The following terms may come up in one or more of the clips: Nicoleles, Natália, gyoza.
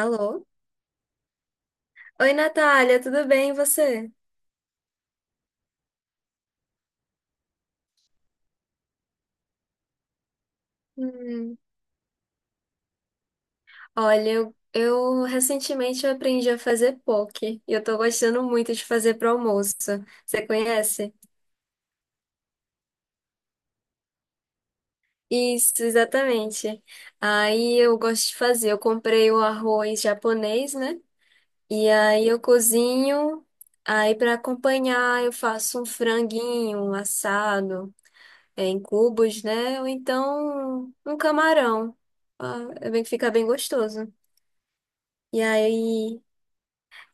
Alô? Oi, Natália, tudo bem e você? Hum, Olha, eu recentemente eu aprendi a fazer poke e eu tô gostando muito de fazer pro almoço. Você conhece? Isso, exatamente. Aí eu gosto de fazer. Eu comprei o arroz japonês, né? E aí eu cozinho. Aí para acompanhar eu faço um franguinho assado em cubos, né? Ou então um camarão. Ah, é bem que fica bem gostoso. E aí,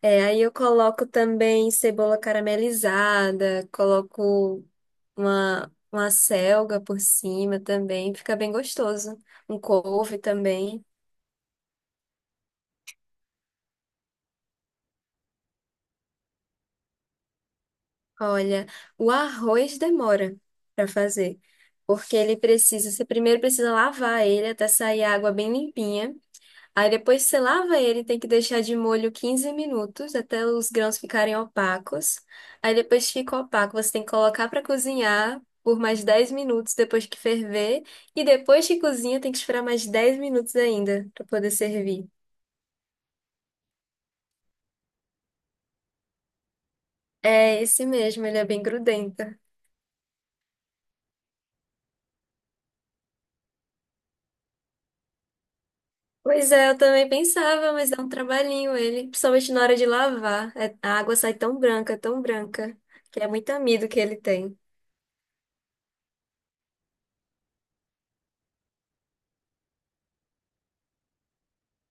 aí eu coloco também cebola caramelizada, coloco uma selga por cima também, fica bem gostoso. Um couve também. Olha, o arroz demora para fazer, porque ele precisa, você primeiro precisa lavar ele até sair a água bem limpinha. Aí depois você lava ele, tem que deixar de molho 15 minutos até os grãos ficarem opacos. Aí depois que fica opaco, você tem que colocar para cozinhar por mais 10 minutos depois que ferver. E depois que cozinha, tem que esperar mais 10 minutos ainda para poder servir. É esse mesmo, ele é bem grudento. Pois é, eu também pensava, mas dá um trabalhinho ele, principalmente na hora de lavar. A água sai tão branca, que é muito amido que ele tem.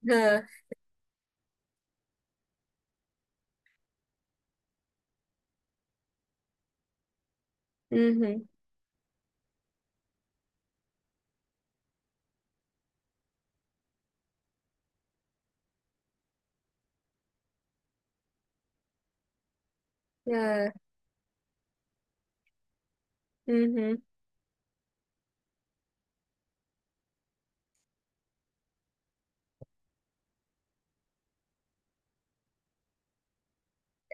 Ah, uhum, ah, uhum.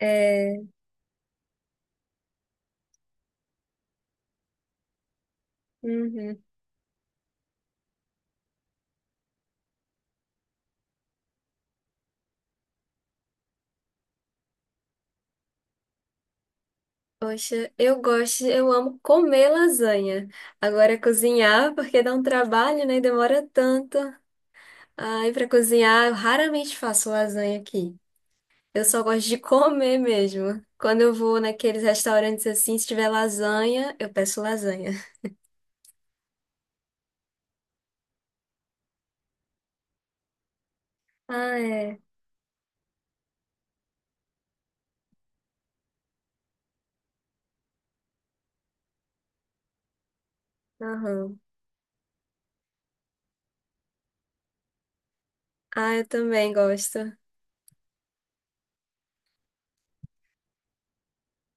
É, uhum. Poxa, eu gosto, eu amo comer lasanha. Agora cozinhar, porque dá um trabalho, né? E demora tanto. Aí para cozinhar, eu raramente faço lasanha aqui. Eu só gosto de comer mesmo. Quando eu vou naqueles restaurantes assim, se tiver lasanha, eu peço lasanha. Ah, é. Aham. Ah, eu também gosto.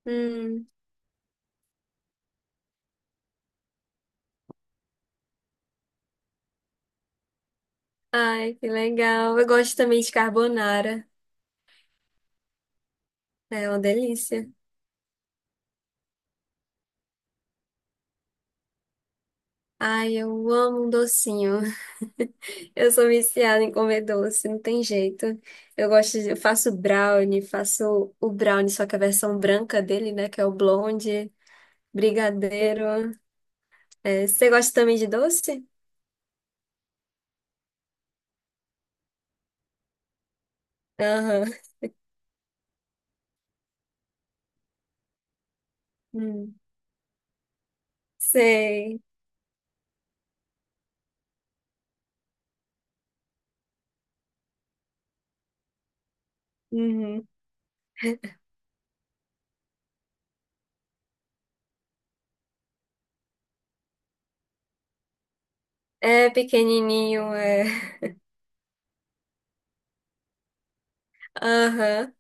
Hum. Ai, que legal. Eu gosto também de carbonara. É uma delícia. Ai, eu amo um docinho. Eu sou viciada em comer doce, não tem jeito. Eu gosto de, eu faço brownie, faço o brownie, só que a versão branca dele, né, que é o blonde, brigadeiro. É, você gosta também de doce? Aham. Hum, sei. Uhum. É pequenininho, é. Aham,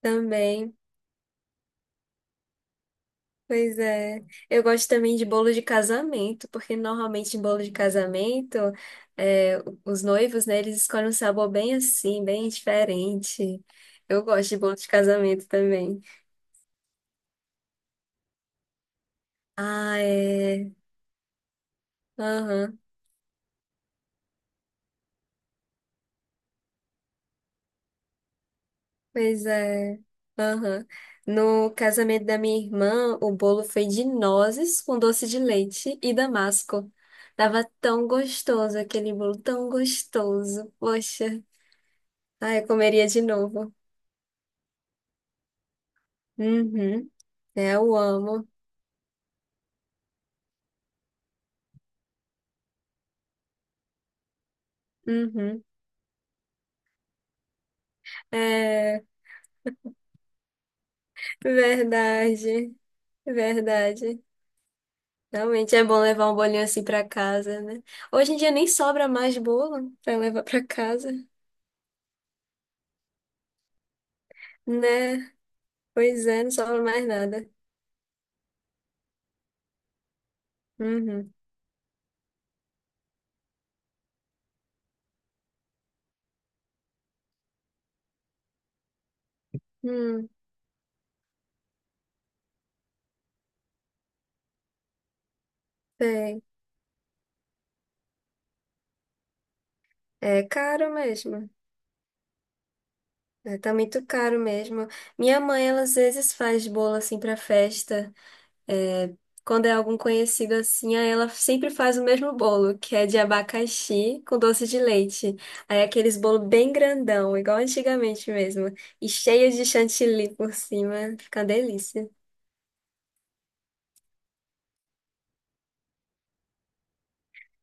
também. Pois é. Eu gosto também de bolo de casamento, porque normalmente em bolo de casamento, é, os noivos, né, eles escolhem um sabor bem assim, bem diferente. Eu gosto de bolo de casamento também. Ah, é. Aham. Pois é. Aham. No casamento da minha irmã, o bolo foi de nozes com doce de leite e damasco. Tava tão gostoso aquele bolo, tão gostoso. Poxa. Ai, eu comeria de novo. Uhum. É, eu amo. Uhum. É, verdade, verdade. Realmente é bom levar um bolinho assim pra casa, né? Hoje em dia nem sobra mais bolo pra levar pra casa, né? Pois é, não sobra mais nada. Uhum. Hum, sei. É caro mesmo. É, tá muito caro mesmo. Minha mãe, ela às vezes faz bolo assim pra festa. É, quando é algum conhecido assim, aí ela sempre faz o mesmo bolo, que é de abacaxi com doce de leite. Aí é aqueles bolo bem grandão, igual antigamente mesmo, e cheio de chantilly por cima, fica uma delícia.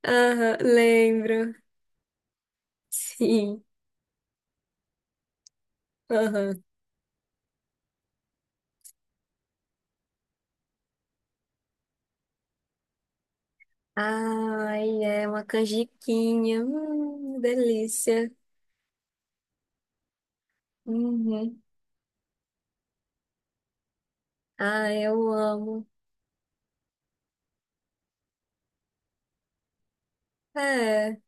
Aham, lembro. Sim. Aham. Ai, é uma canjiquinha. Delícia. Uhum. Ah, eu amo. É.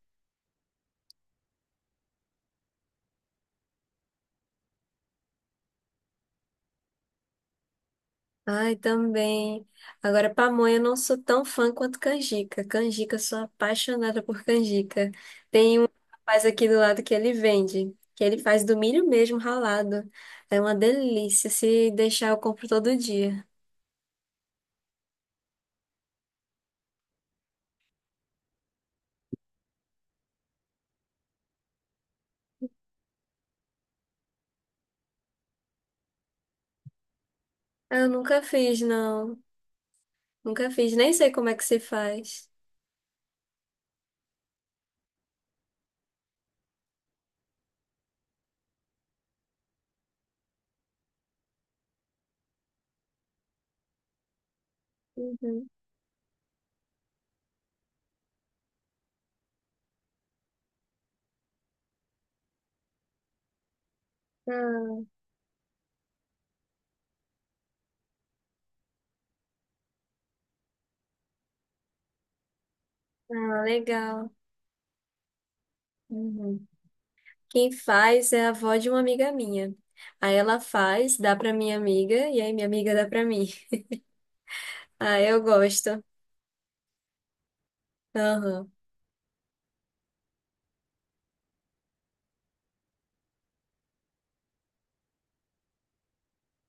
Ai, também. Agora, pamonha, eu não sou tão fã quanto canjica. Canjica, eu sou apaixonada por canjica. Tem um rapaz aqui do lado que ele vende, que ele faz do milho mesmo ralado. É uma delícia. Se deixar, eu compro todo dia. Ah, eu nunca fiz, não. Nunca fiz. Nem sei como é que se faz. Uhum. Ah, ah, legal. Uhum. Quem faz é a avó de uma amiga minha. Aí ela faz, dá pra minha amiga, e aí minha amiga dá pra mim. Ah, eu gosto. Aham.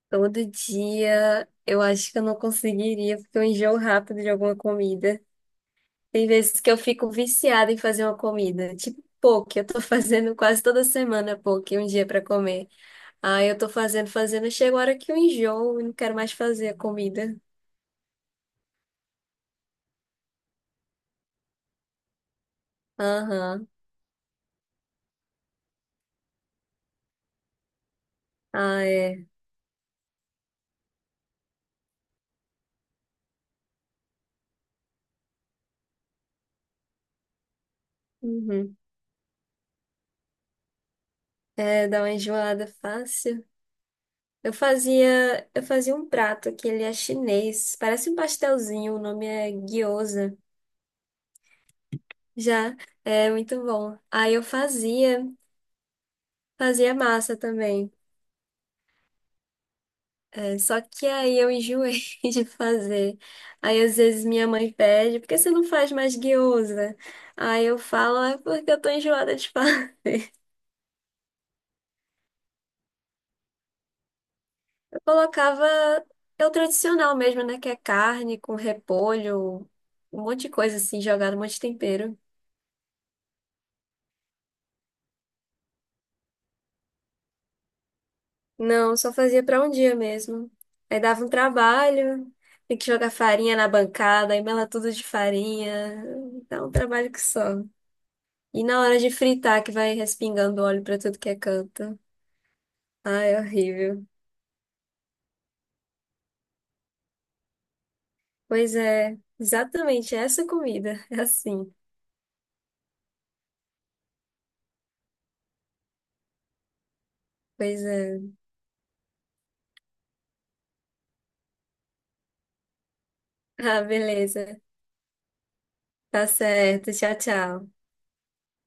Todo dia eu acho que eu não conseguiria, porque eu enjoo rápido de alguma comida. Tem vezes que eu fico viciada em fazer uma comida, tipo poke, eu tô fazendo quase toda semana poke, um dia pra comer. Aí eu tô fazendo, fazendo, chega a hora que eu enjoo e não quero mais fazer a comida. Aham. Ah, é. Uhum. É, dá uma enjoada fácil. Eu fazia um prato que ele é chinês, parece um pastelzinho, o nome é gyoza. Já é muito bom. Fazia massa também. Só que aí eu enjoei de fazer. Aí às vezes minha mãe pede, por que você não faz mais guiosa? Aí eu falo, "Ah, é porque eu tô enjoada de fazer." Eu colocava, é o tradicional mesmo, né? Que é carne com repolho, um monte de coisa assim, jogada, um monte de tempero. Não, só fazia para um dia mesmo. Aí dava um trabalho, tem que jogar farinha na bancada, aí mela tudo de farinha. Dá um trabalho que só. E na hora de fritar, que vai respingando óleo para tudo que é canto. Ai, é horrível. Pois é, exatamente essa comida. É assim. Pois é. Ah, beleza. Tá certo. Tchau, tchau.